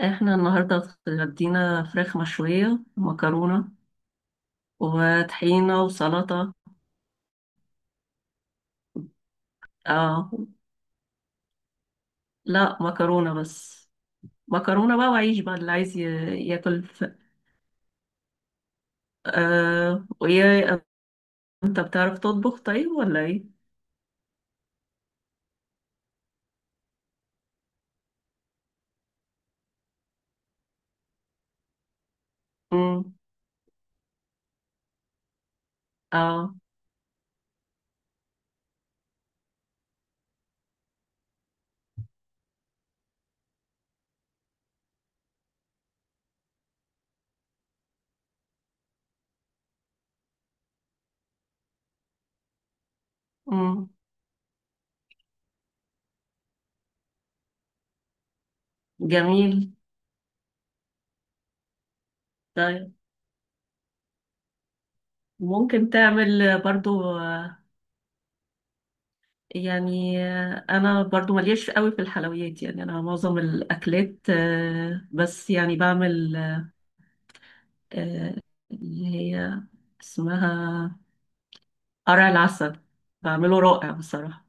احنا النهاردة اتغدينا فراخ مشوية ومكرونة وطحينة وسلطة. اه. لا، مكرونة بس. مكرونة بقى وعيش بقى اللي عايز ياكل ويا انت بتعرف تطبخ طيب ولا ايه؟ مم. اه. مم. جميل. طيب. ممكن تعمل برضو يعني انا برضو مليش قوي في الحلويات، يعني انا معظم الاكلات بس يعني بعمل آه، اللي هي اسمها قرع العسل. بعمله رائع بصراحة.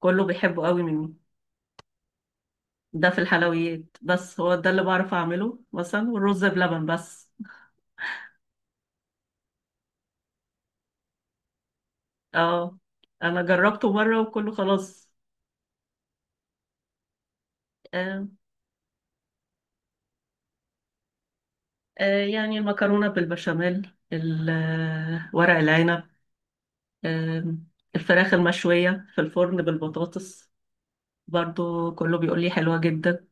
كله بيحبه قوي مني. ده في الحلويات، بس هو ده اللي بعرف اعمله مثلا، والرز بلبن بس. اه، انا جربته مرة وكله خلاص. آه، يعني المكرونة بالبشاميل ورق العنب. آه، الفراخ المشوية في الفرن بالبطاطس. برضو كله بيقول لي حلوة جدا.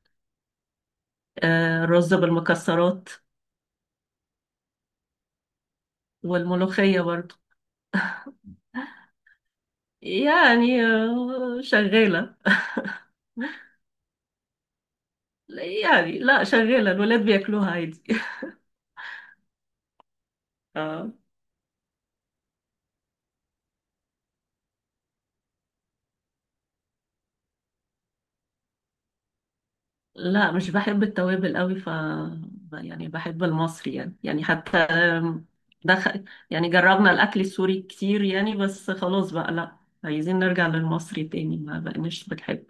الرز بالمكسرات. والملوخية برضو. يعني شغالة. يعني لا، شغالة، الولاد بياكلوها عادي. اه. لا مش بحب التوابل قوي يعني بحب المصري يعني حتى دخل. يعني جربنا الأكل السوري كتير يعني، بس خلاص بقى لا، عايزين نرجع للمصري تاني. ما بقناش بنحب.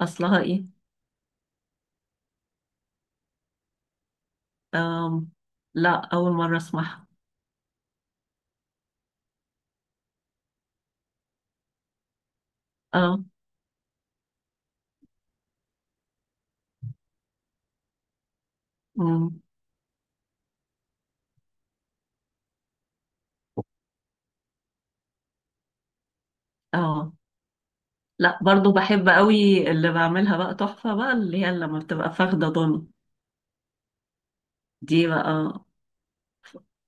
أصلها إيه؟ آم، لا، أول مرة أسمعها. اه. أمم. اه، لا برضو بحب قوي اللي بعملها بقى تحفة بقى، اللي هي لما بتبقى فاخدة ضن دي بقى.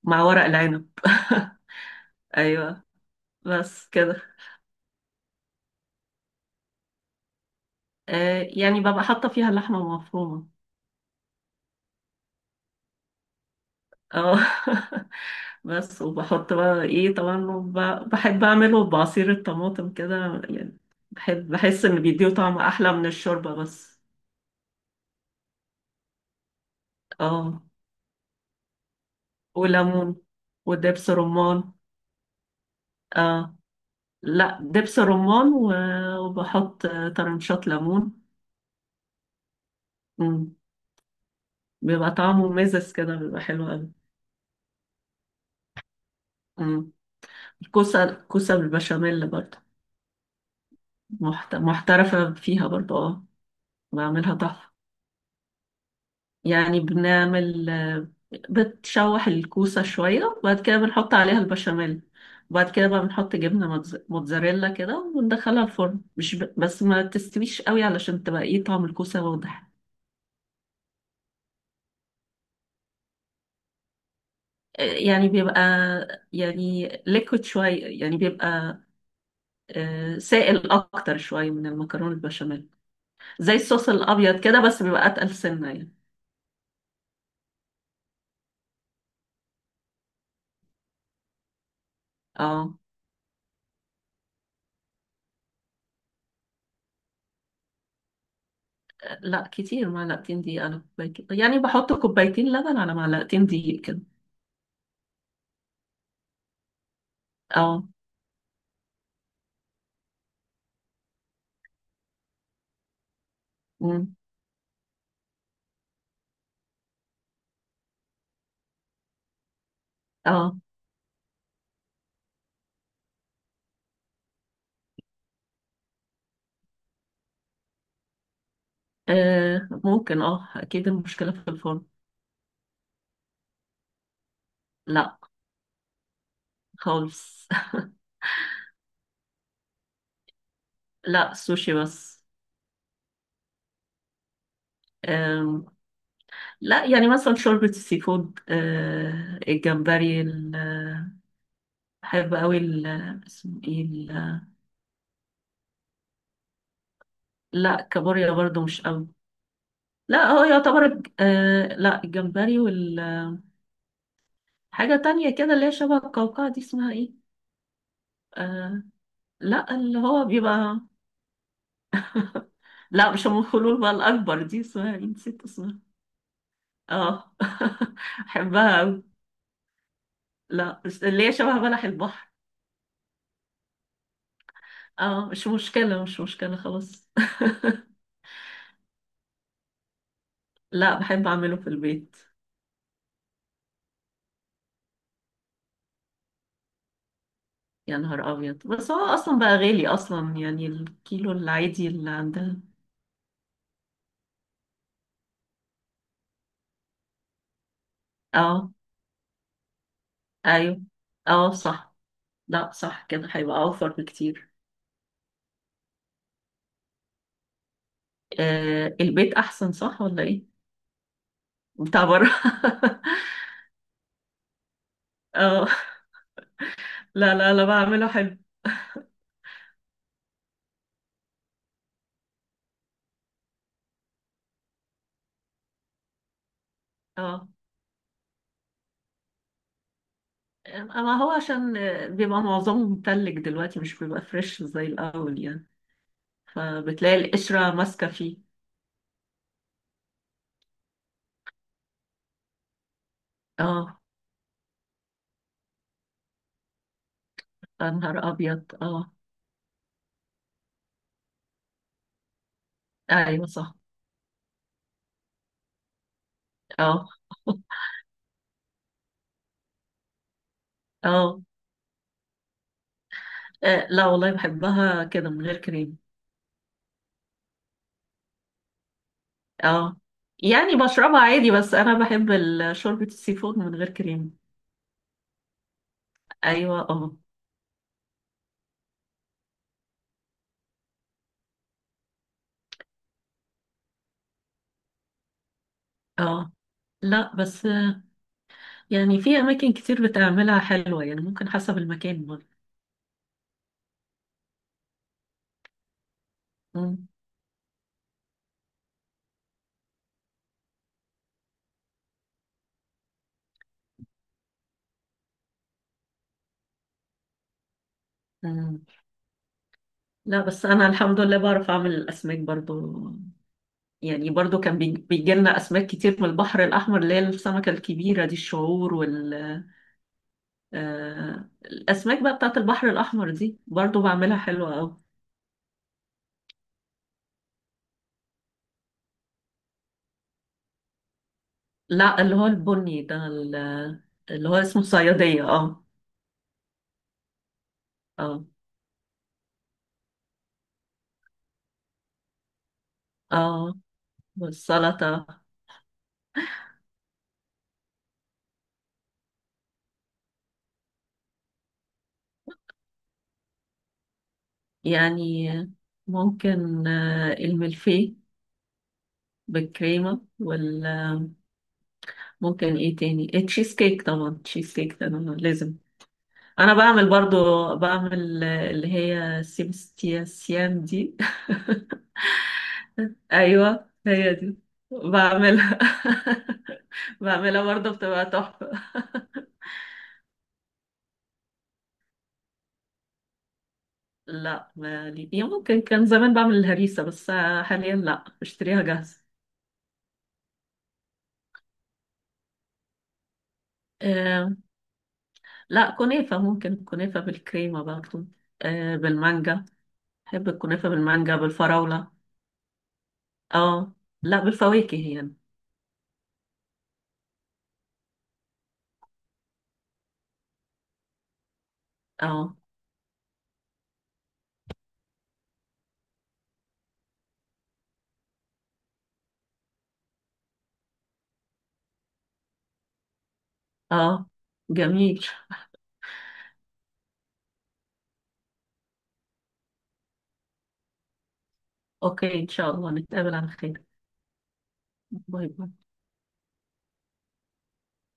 مع ورق العنب. ايوه، بس كده. يعني ببقى حاطه فيها لحمه مفرومه. اه. بس وبحط بقى ايه طبعا، بحب اعمله بعصير الطماطم كده، يعني بحب بحس ان بيديه طعم احلى من الشوربه بس. اه. وليمون. ودبس رمان. اه. لا دبس رمان وبحط طرنشات ليمون. مم. بيبقى طعمه مزز كده، بيبقى حلو قوي. كوسة بالبشاميل برضه. محترفة فيها برضه. اه. بعملها تحفة. يعني بنعمل بتشوح الكوسة شوية، وبعد كده بنحط عليها البشاميل. وبعد كده بقى بنحط جبنة موتزاريلا كده وندخلها الفرن، مش بس ما تستويش قوي علشان تبقى ايه طعم الكوسة واضح. يعني بيبقى يعني ليكويد شوية، يعني بيبقى سائل أكتر شوية من المكرونة البشاميل. زي الصوص الأبيض كده، بس بيبقى أتقل سنة يعني. اه. لا كتير، معلقتين دقيق على كوبايتين، يعني بحط كوبايتين لبن على معلقتين دقيق كده. اه. مم. اه. ممكن، اكيد المشكلة في الفرن. لا، خالص. لا، سوشي بس. آم، لا يعني مثلا شوربة السي فود، الجمبري بحب قوي اسمه ايه لا، كابوريا برضو مش قوي. لا هو يعتبر لا الجمبري والحاجة تانية كده، اللي هي شبه القوقعة دي اسمها ايه؟ آه، لا اللي هو بيبقى، لا مش ام الخلول، بقى الاكبر دي اسمها ايه، نسيت اسمها. اه. بحبها أوي. لا، مش اللي هي شبه بلح البحر. اه، مش مشكله مش مشكله خلاص. لا، بحب اعمله في البيت. يا نهار ابيض، بس هو اصلا بقى غالي اصلا، يعني الكيلو العادي اللي عندها. اه. ايوه. اه صح. لا، صح كده، هيبقى اوفر بكتير. البيت احسن صح ولا ايه؟ بتاع بره. اه، لا لا لا، بعمله حلو. اه، ما هو عشان بيبقى معظمه متلج دلوقتي، مش بيبقى فريش زي الأول يعني. فبتلاقي القشرة ماسكة فيه. اه. يا نهار أبيض. اه. أيوة صح. اه. اه، لا والله بحبها كده من غير كريم. اه. يعني بشربها عادي، بس أنا بحب شوربة السي فود من غير كريم. أيوة. اه. اه. لا بس يعني في أماكن كتير بتعملها حلوة، يعني ممكن حسب المكان برضه. مم. لا بس انا الحمد لله بعرف اعمل الاسماك برضو. يعني برضو كان بيجي لنا اسماك كتير من البحر الاحمر، اللي هي السمكه الكبيره دي الشعور الاسماك بقى بتاعت البحر الاحمر دي برضو بعملها حلوه قوي. لا اللي هو البني ده اللي هو اسمه صياديه. اه. اه. اه. والسلطه. يعني ممكن الملفيه بالكريمه ممكن ايه تاني، التشيز كيك طبعا، التشيز كيك ده أنا لازم. انا بعمل برضو، بعمل اللي هي سيبستياسيان دي. ايوه هي دي. بعملها. بعملها برضو بتبقى تحفة. لا مالي يعني، ممكن كان زمان بعمل الهريسة بس حاليا لا، بشتريها جاهزة. آه لا، كنافة، ممكن كنافة بالكريمة برضو. بالمانجا. بحب الكنافة بالمانجا بالفراولة. اه. لا، بالفواكه يعني. اه. اه جميل. اوكي، ان شاء الله نتقابل على خير. باي باي.